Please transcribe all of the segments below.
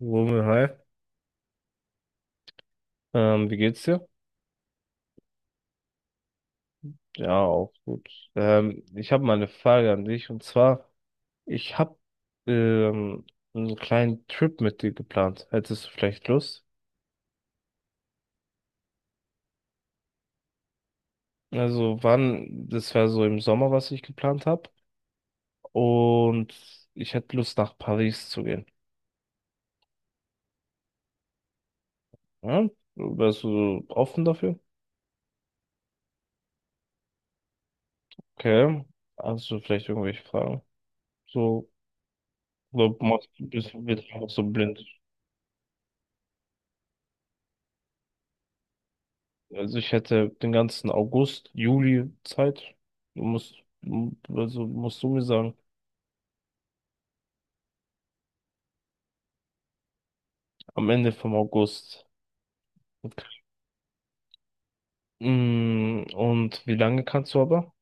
Rummel, hi. Wie geht's dir? Ja, auch gut. Ich habe mal eine Frage an dich, und zwar, ich habe ähm, einen kleinen Trip mit dir geplant. Hättest du vielleicht Lust? Also wann, das wäre so im Sommer, was ich geplant habe. Und ich hätte Lust, nach Paris zu gehen. Ja? Wärst du offen dafür? Okay. Hast du vielleicht irgendwelche Fragen? So, oder machst du bist bist du einfach so blind? Also ich hätte den ganzen August, Juli Zeit. Du musst, also musst du mir sagen, am Ende vom August. Und wie lange kannst du aber?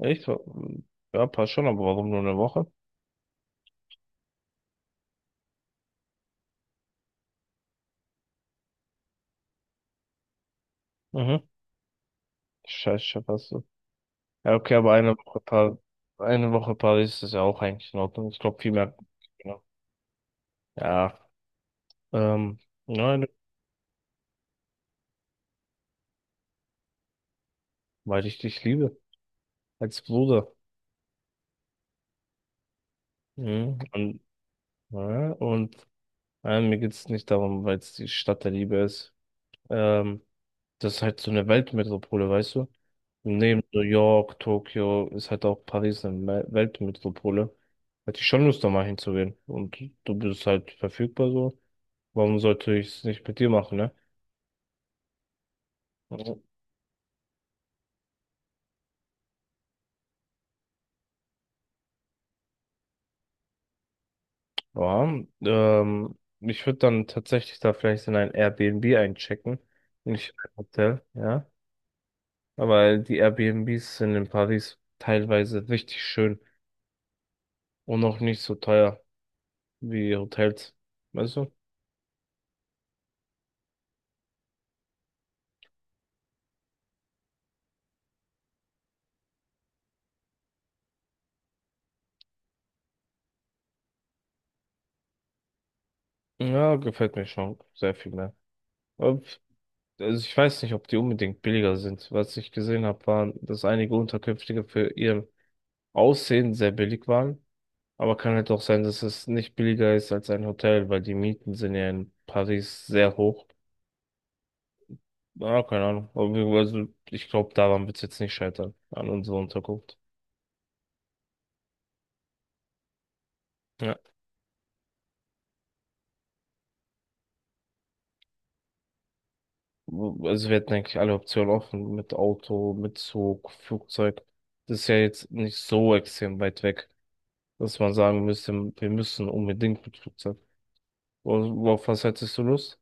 Echt? Ja, passt schon, aber warum nur eine Woche? Mhm. Scheiße, passt so. Ja, okay, aber eine Woche Paris ist ja auch eigentlich in Ordnung. Ich glaube, viel mehr. Genau. Ja, ähm, nein, weil ich dich liebe. Als Bruder. Mhm. Ja. Mir geht es nicht darum, weil es die Stadt der Liebe ist. Ähm, Das ist halt so eine Weltmetropole, weißt du? Neben New York, Tokio ist halt auch Paris eine Weltmetropole. Hätte ich schon Lust, da mal hinzugehen. Und du bist halt verfügbar so. Warum sollte ich es nicht mit dir machen, ne? Mhm. Ja, ich würde dann tatsächlich da vielleicht in ein Airbnb einchecken, nicht in ein Hotel, ja. Aber die Airbnbs sind in Paris teilweise richtig schön und auch nicht so teuer wie Hotels. Weißt du? Ja, gefällt mir schon sehr viel mehr. Ob- Also ich weiß nicht, ob die unbedingt billiger sind. Was ich gesehen habe, waren, dass einige Unterkünfte für ihr Aussehen sehr billig waren. Aber kann halt auch sein, dass es nicht billiger ist als ein Hotel, weil die Mieten sind ja in Paris sehr hoch. Ja, keine Ahnung. Also ich glaube, daran wird es jetzt nicht scheitern, an unserer Unterkunft. Ja. Also wir hätten eigentlich alle Optionen offen mit Auto, mit Zug, Flugzeug. Das ist ja jetzt nicht so extrem weit weg, dass man sagen müsste, wir müssen unbedingt mit Flugzeug. Worauf was hättest du Lust?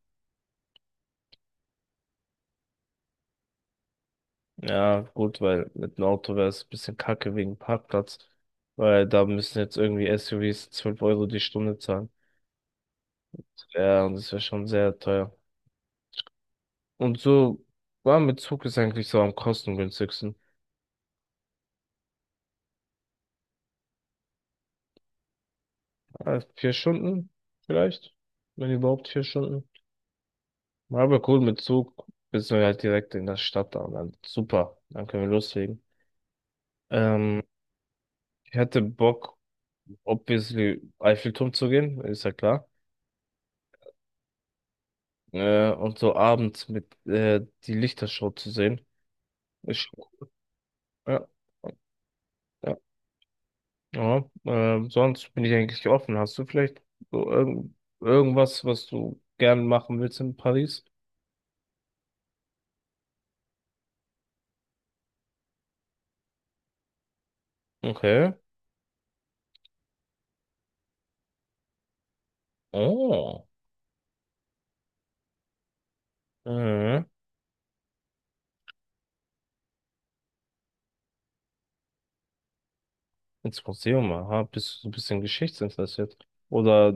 Ja, gut, weil mit einem Auto wäre es ein bisschen kacke wegen Parkplatz, weil da müssen jetzt irgendwie SUVs 12 € die Stunde zahlen. Ja, und das wäre schon sehr teuer. Und so, war mit Zug ist eigentlich so am kostengünstigsten. 4 Stunden vielleicht, wenn überhaupt 4 Stunden. Ja, aber cool, mit Zug bist du halt direkt in der Stadt da und dann super, dann können wir loslegen. Ähm, Ich hätte Bock, obviously Eiffelturm zu gehen, ist ja klar. Und so abends mit die Lichtershow zu sehen. Ich, ja, ja, ja. Sonst bin ich eigentlich offen. Hast du vielleicht so irgendwas, was du gern machen willst in Paris? Okay. Oh. Mhm. Ins Museum, aha, bist du so ein bisschen geschichtsinteressiert? Oder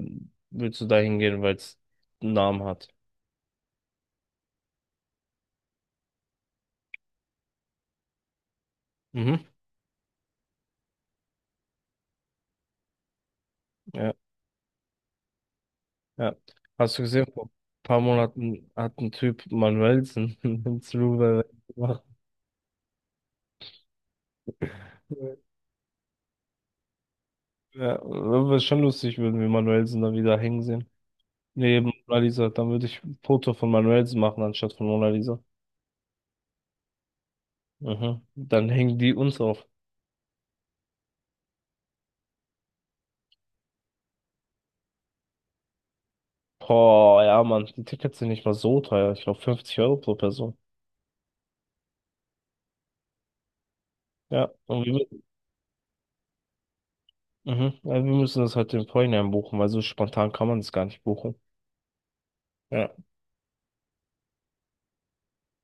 willst du da hingehen, weil es einen Namen hat? Mhm. Ja, ja. Hast du gesehen, vor ein paar Monaten hat ein Typ Manuelsen ins Louvre gemacht. Ja, wäre schon lustig, würden wir Manuelsen da wieder hängen sehen. Neben Mona Lisa, dann würde ich ein Foto von Manuelsen machen, anstatt von Mona Lisa. Mhm. Dann hängen die uns auf. Boah, ja, Mann, die Tickets sind nicht mal so teuer. Ich glaube, 50 € pro Person. Ja. und wir Mhm. Ja, wir müssen das halt im Vorhinein buchen, weil so spontan kann man das gar nicht buchen. Ja,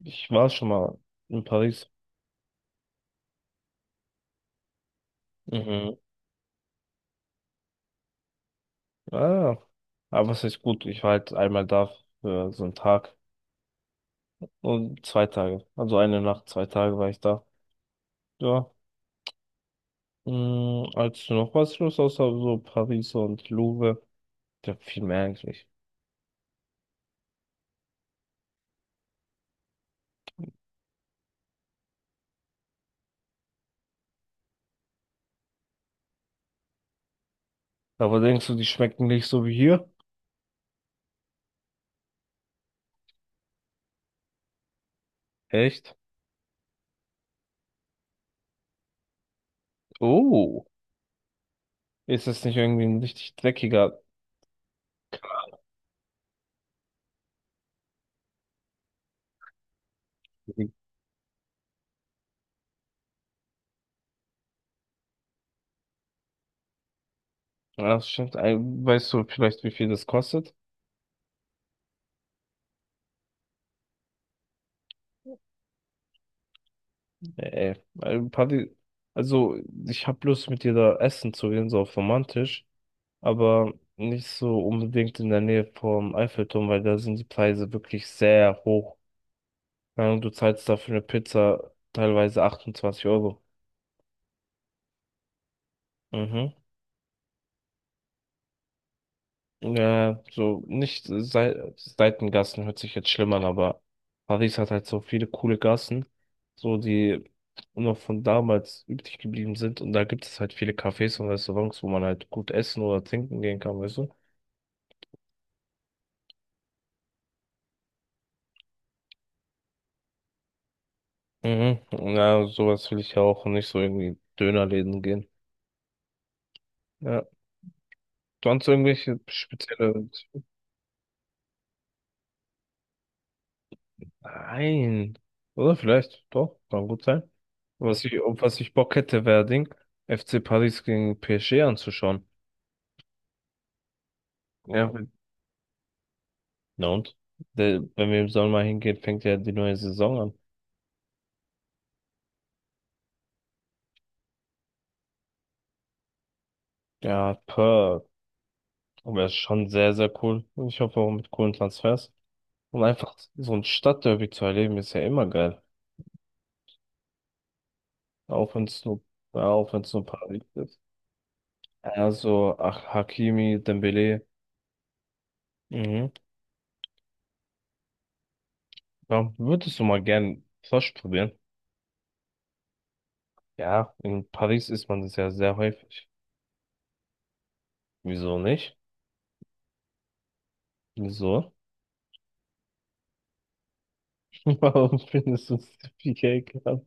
ich war schon mal in Paris. Mhm. Ah, ja, aber was heißt gut? Ich war halt einmal da für so einen Tag und zwei Tage. Also eine Nacht, zwei Tage war ich da. Ja, als noch was los, außer so Paris und Louvre. Ja, viel mehr eigentlich. Aber denkst du, die schmecken nicht so wie hier? Echt? Oh, ist das nicht irgendwie ein richtig dreckiger? Ja, das stimmt. Weißt du vielleicht, wie viel das kostet? Nee, also Paris, also ich hab Lust mit dir da essen zu gehen, so auf romantisch, aber nicht so unbedingt in der Nähe vom Eiffelturm, weil da sind die Preise wirklich sehr hoch. Keine Ahnung, du zahlst da für eine Pizza teilweise 28 Euro. Mhm. Ja, so nicht Seitengassen hört sich jetzt schlimm an, aber Paris hat halt so viele coole Gassen, so die noch von damals übrig geblieben sind und da gibt es halt viele Cafés und Restaurants, wo man halt gut essen oder trinken gehen kann, weißt du? Mhm. Ja, sowas will ich ja auch und nicht so irgendwie Dönerläden gehen. Ja. Sonst irgendwelche spezielle. Nein. Oder vielleicht, doch, kann gut sein. Auf was ich Bock hätte, wäre Ding, FC Paris gegen PSG anzuschauen. Ja, na und? Wenn wir im Sommer hingehen, fängt ja die neue Saison an. Ja, Perth. Aber es ist schon sehr, sehr cool. Und ich hoffe auch mit coolen Transfers. Und einfach so ein Stadtderby zu erleben, ist ja immer geil. Auch wenn es nur, Ja, auch wenn es nur Paris ist. Also, ach, Hakimi, Dembele. Mhm. Ja, würdest du mal gern Frosch probieren? Ja, in Paris isst man das ja sehr häufig. Wieso nicht? Wieso? Warum findest du es so viel Geld gehabt?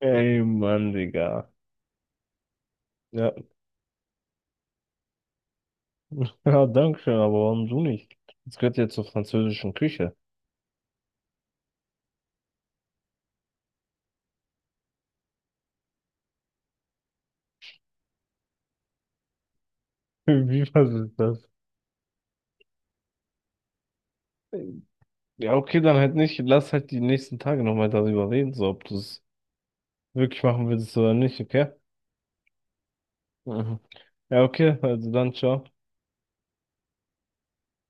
Ey, Mann, Digga. Ja, ja, danke schön, aber warum du nicht? Es gehört ja zur französischen Küche. Wie was ist das? Ja, okay, dann halt nicht. Lass halt die nächsten Tage nochmal darüber reden, so ob du es wirklich machen willst oder nicht, okay? Mhm. Ja, okay, also dann, ciao.